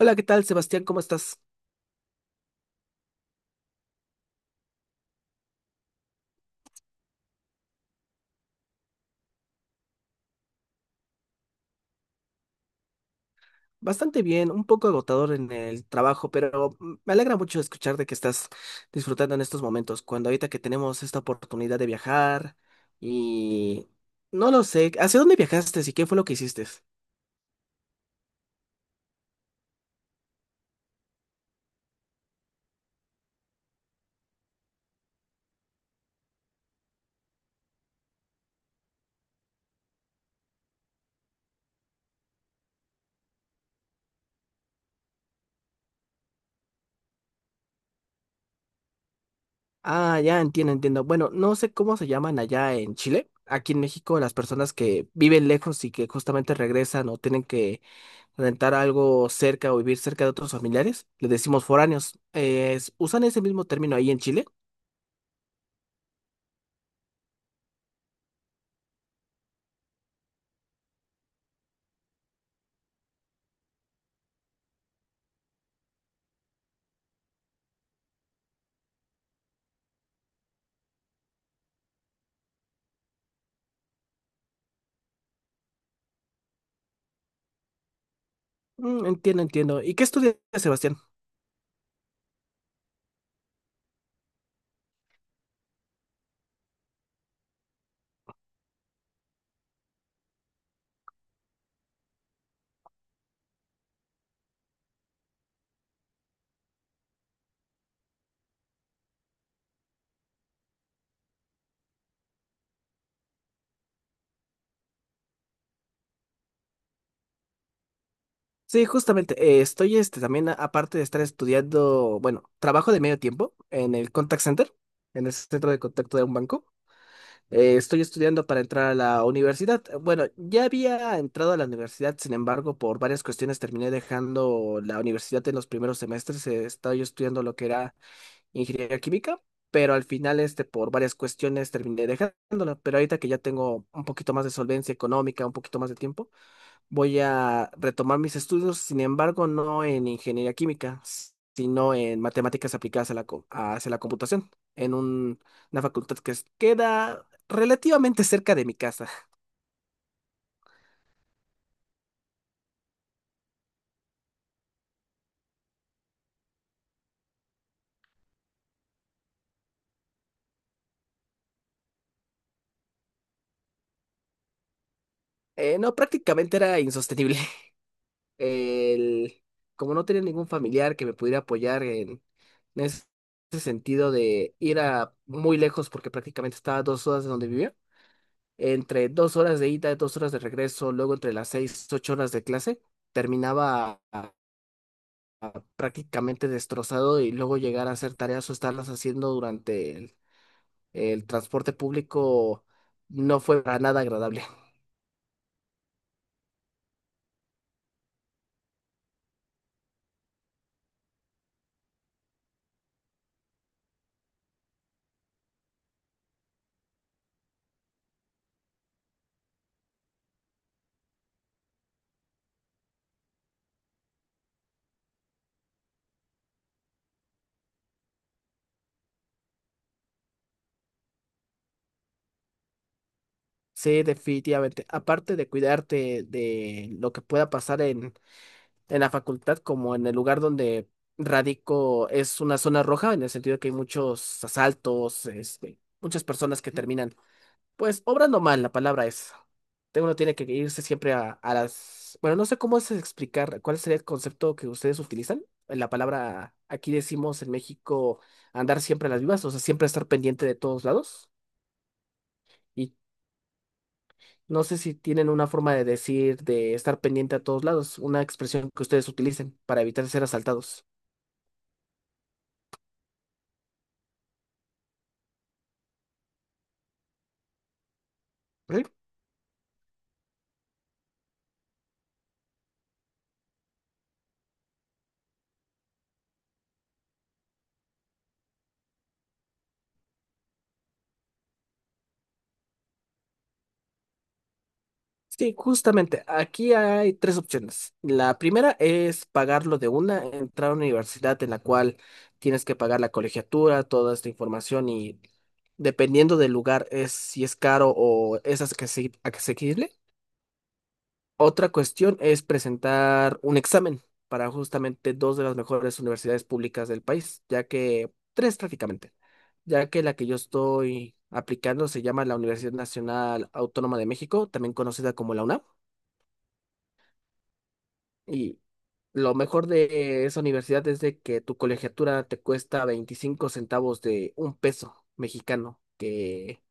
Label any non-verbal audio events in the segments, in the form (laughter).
Hola, ¿qué tal, Sebastián? ¿Cómo estás? Bastante bien, un poco agotador en el trabajo, pero me alegra mucho escuchar de que estás disfrutando en estos momentos, cuando ahorita que tenemos esta oportunidad de viajar y no lo sé, ¿hacia dónde viajaste y qué fue lo que hiciste? Ah, ya entiendo, entiendo. Bueno, no sé cómo se llaman allá en Chile. Aquí en México, las personas que viven lejos y que justamente regresan o tienen que rentar algo cerca o vivir cerca de otros familiares, le decimos foráneos. ¿Usan ese mismo término ahí en Chile? Entiendo, entiendo. ¿Y qué estudias, Sebastián? Sí, justamente, estoy este, también, aparte de estar estudiando, bueno, trabajo de medio tiempo en el contact center, en el centro de contacto de un banco. Estoy estudiando para entrar a la universidad. Bueno, ya había entrado a la universidad, sin embargo, por varias cuestiones terminé dejando la universidad en los primeros semestres. Estaba yo estudiando lo que era ingeniería química, pero al final, este, por varias cuestiones terminé dejándola. Pero ahorita que ya tengo un poquito más de solvencia económica, un poquito más de tiempo. Voy a retomar mis estudios, sin embargo, no en ingeniería química, sino en matemáticas aplicadas hacia la computación, en una facultad que queda relativamente cerca de mi casa. (laughs) No, prácticamente era insostenible. (laughs) El- Como no tenía ningún familiar que me pudiera apoyar en ese sentido de ir a muy lejos, porque prácticamente estaba a 2 horas de donde vivía. Entre dos horas de ida, 2 horas de regreso, luego entre las 6, 8 horas de clase, terminaba prácticamente destrozado y luego llegar a hacer tareas o estarlas haciendo durante el transporte público no fue para nada agradable. (laughs) Sí, definitivamente. Aparte de cuidarte de lo que pueda pasar en la facultad, como en el lugar donde radico es una zona roja, en el sentido que hay muchos asaltos, este, muchas personas que terminan pues obrando mal, la palabra es. Uno tiene que irse siempre a las... Bueno, no sé cómo es explicar cuál sería el concepto que ustedes utilizan. La palabra, aquí decimos en México, andar siempre a las vivas, o sea, siempre estar pendiente de todos lados. Y no sé si tienen una forma de decir de estar pendiente a todos lados, una expresión que ustedes utilicen para evitar ser asaltados. Sí, justamente, aquí hay tres opciones. La primera es pagarlo de una, entrar a una universidad en la cual tienes que pagar la colegiatura, toda esta información y dependiendo del lugar es si es caro o es asequi- asequible. Otra cuestión es presentar un examen para justamente dos de las mejores universidades públicas del país, ya que tres prácticamente, ya que la que yo estoy aplicando se llama la Universidad Nacional Autónoma de México, también conocida como la UNAM. Lo mejor de esa universidad es de que tu colegiatura te cuesta 25 centavos de un peso mexicano, que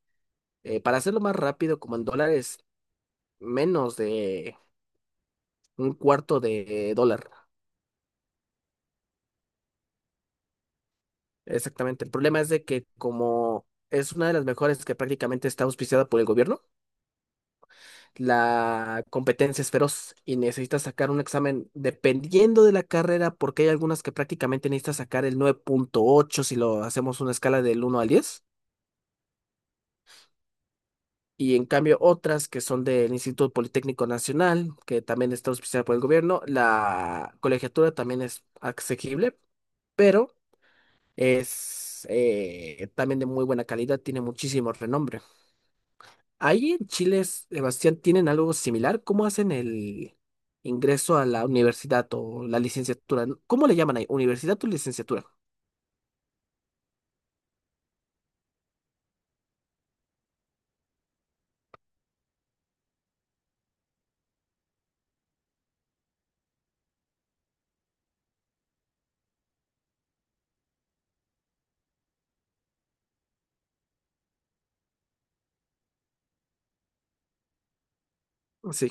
para hacerlo más rápido, como en dólares, menos de un cuarto de dólar. Exactamente. El problema es de que como es una de las mejores que prácticamente está auspiciada por el gobierno, la competencia es feroz y necesitas sacar un examen dependiendo de la carrera, porque hay algunas que prácticamente necesitas sacar el 9.8 si lo hacemos una escala del 1 al 10. Y en cambio otras que son del Instituto Politécnico Nacional, que también está auspiciada por el gobierno, la colegiatura también es asequible, pero es también de muy buena calidad, tiene muchísimo renombre. Ahí en Chile, Sebastián, ¿tienen algo similar? ¿Cómo hacen el ingreso a la universidad o la licenciatura? ¿Cómo le llaman ahí? ¿Universidad o licenciatura? Sí.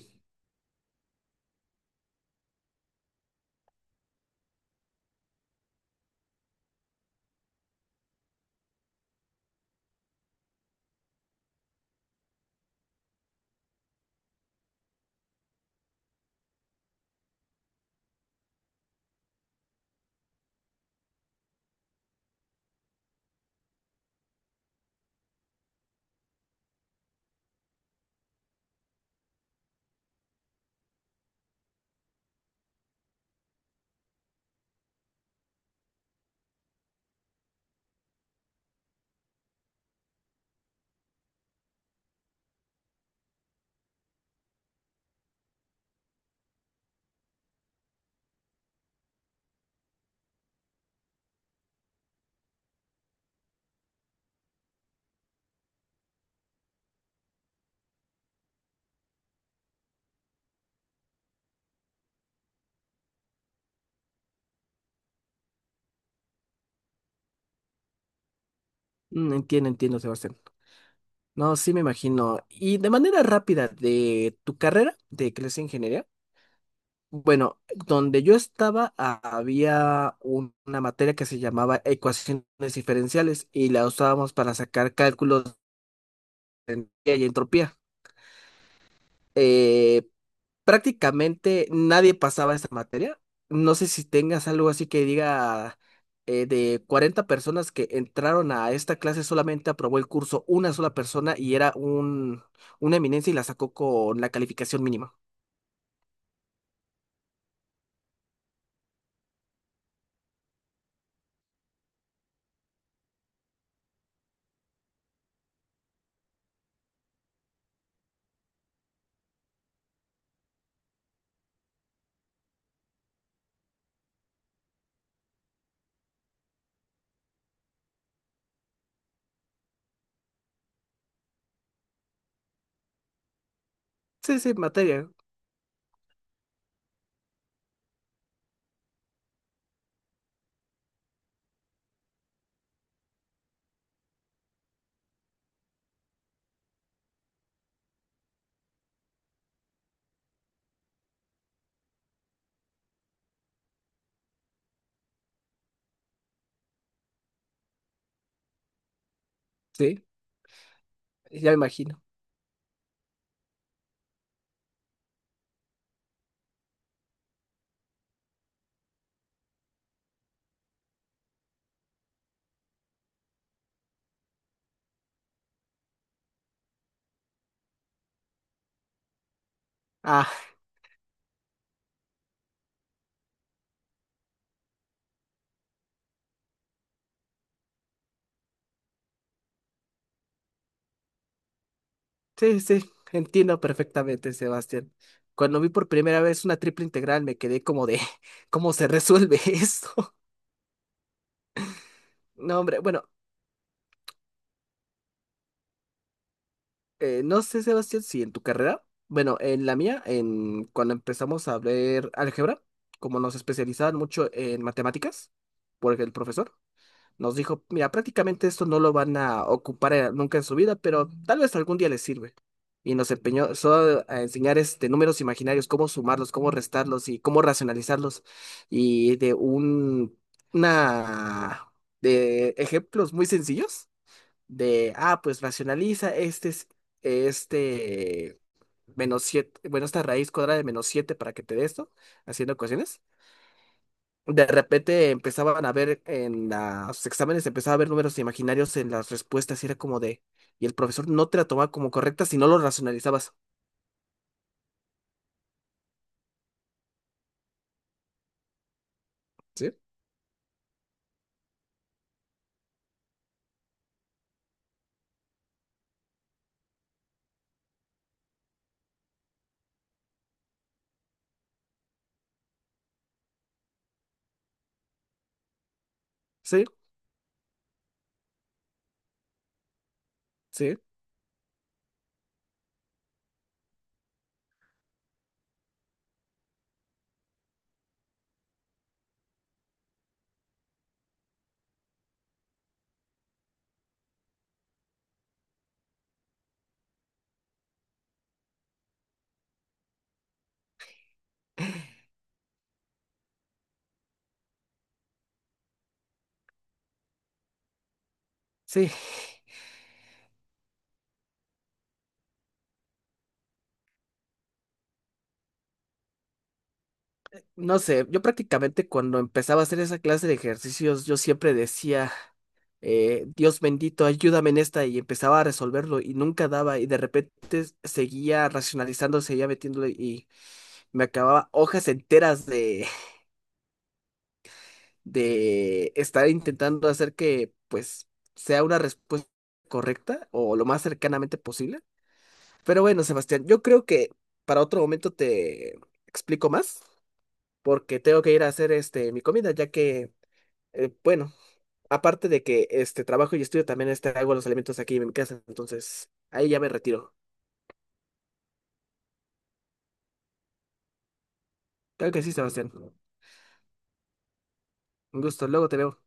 Entiendo, entiendo, Sebastián. No, sí me imagino. Y de manera rápida, de tu carrera de clase de ingeniería, bueno, donde yo estaba había una materia que se llamaba ecuaciones diferenciales y la usábamos para sacar cálculos de entropía y entropía. Eh, Prácticamente nadie pasaba esta materia. No sé si tengas algo así que diga de 40 personas que entraron a esta clase solamente aprobó el curso una sola persona y era una eminencia y la sacó con la calificación mínima. Sí, sí, materia. Sí, ya me imagino. Ah, sí, sí, entiendo perfectamente, Sebastián. Cuando vi por primera vez una triple integral me quedé como de, (laughs) ¿cómo se resuelve esto? (laughs) No, hombre, bueno, no sé, Sebastián, si en tu carrera, bueno, en la mía, en cuando empezamos a ver álgebra, como nos especializaban mucho en matemáticas, porque el profesor, nos dijo, mira, prácticamente esto no lo van a ocupar nunca en su vida, pero tal vez algún día les sirve. Y nos empeñó solo a enseñar este, números imaginarios, cómo sumarlos, cómo restarlos y cómo racionalizarlos. Y una, de ejemplos muy sencillos de, ah, pues racionaliza este, este menos siete, bueno, esta raíz cuadrada de menos 7 para que te dé esto, haciendo ecuaciones. De repente empezaban a ver en los exámenes, empezaba a ver números imaginarios en las respuestas y era como de, y el profesor no te la tomaba como correcta si no lo racionalizabas. Sí, sí, sí, sí. No sé, yo prácticamente cuando empezaba a hacer esa clase de ejercicios, yo siempre decía, Dios bendito, ayúdame en esta y empezaba a resolverlo y nunca daba y de repente seguía racionalizando, seguía metiéndole y me acababa hojas enteras de estar intentando hacer que, pues, sea una respuesta correcta o lo más cercanamente posible. Pero bueno, Sebastián, yo creo que para otro momento te explico más, porque tengo que ir a hacer este mi comida, ya que, bueno, aparte de que este trabajo y estudio, también este, hago los alimentos aquí en mi casa, entonces ahí ya me retiro. Claro que sí, Sebastián. Un gusto, luego te veo.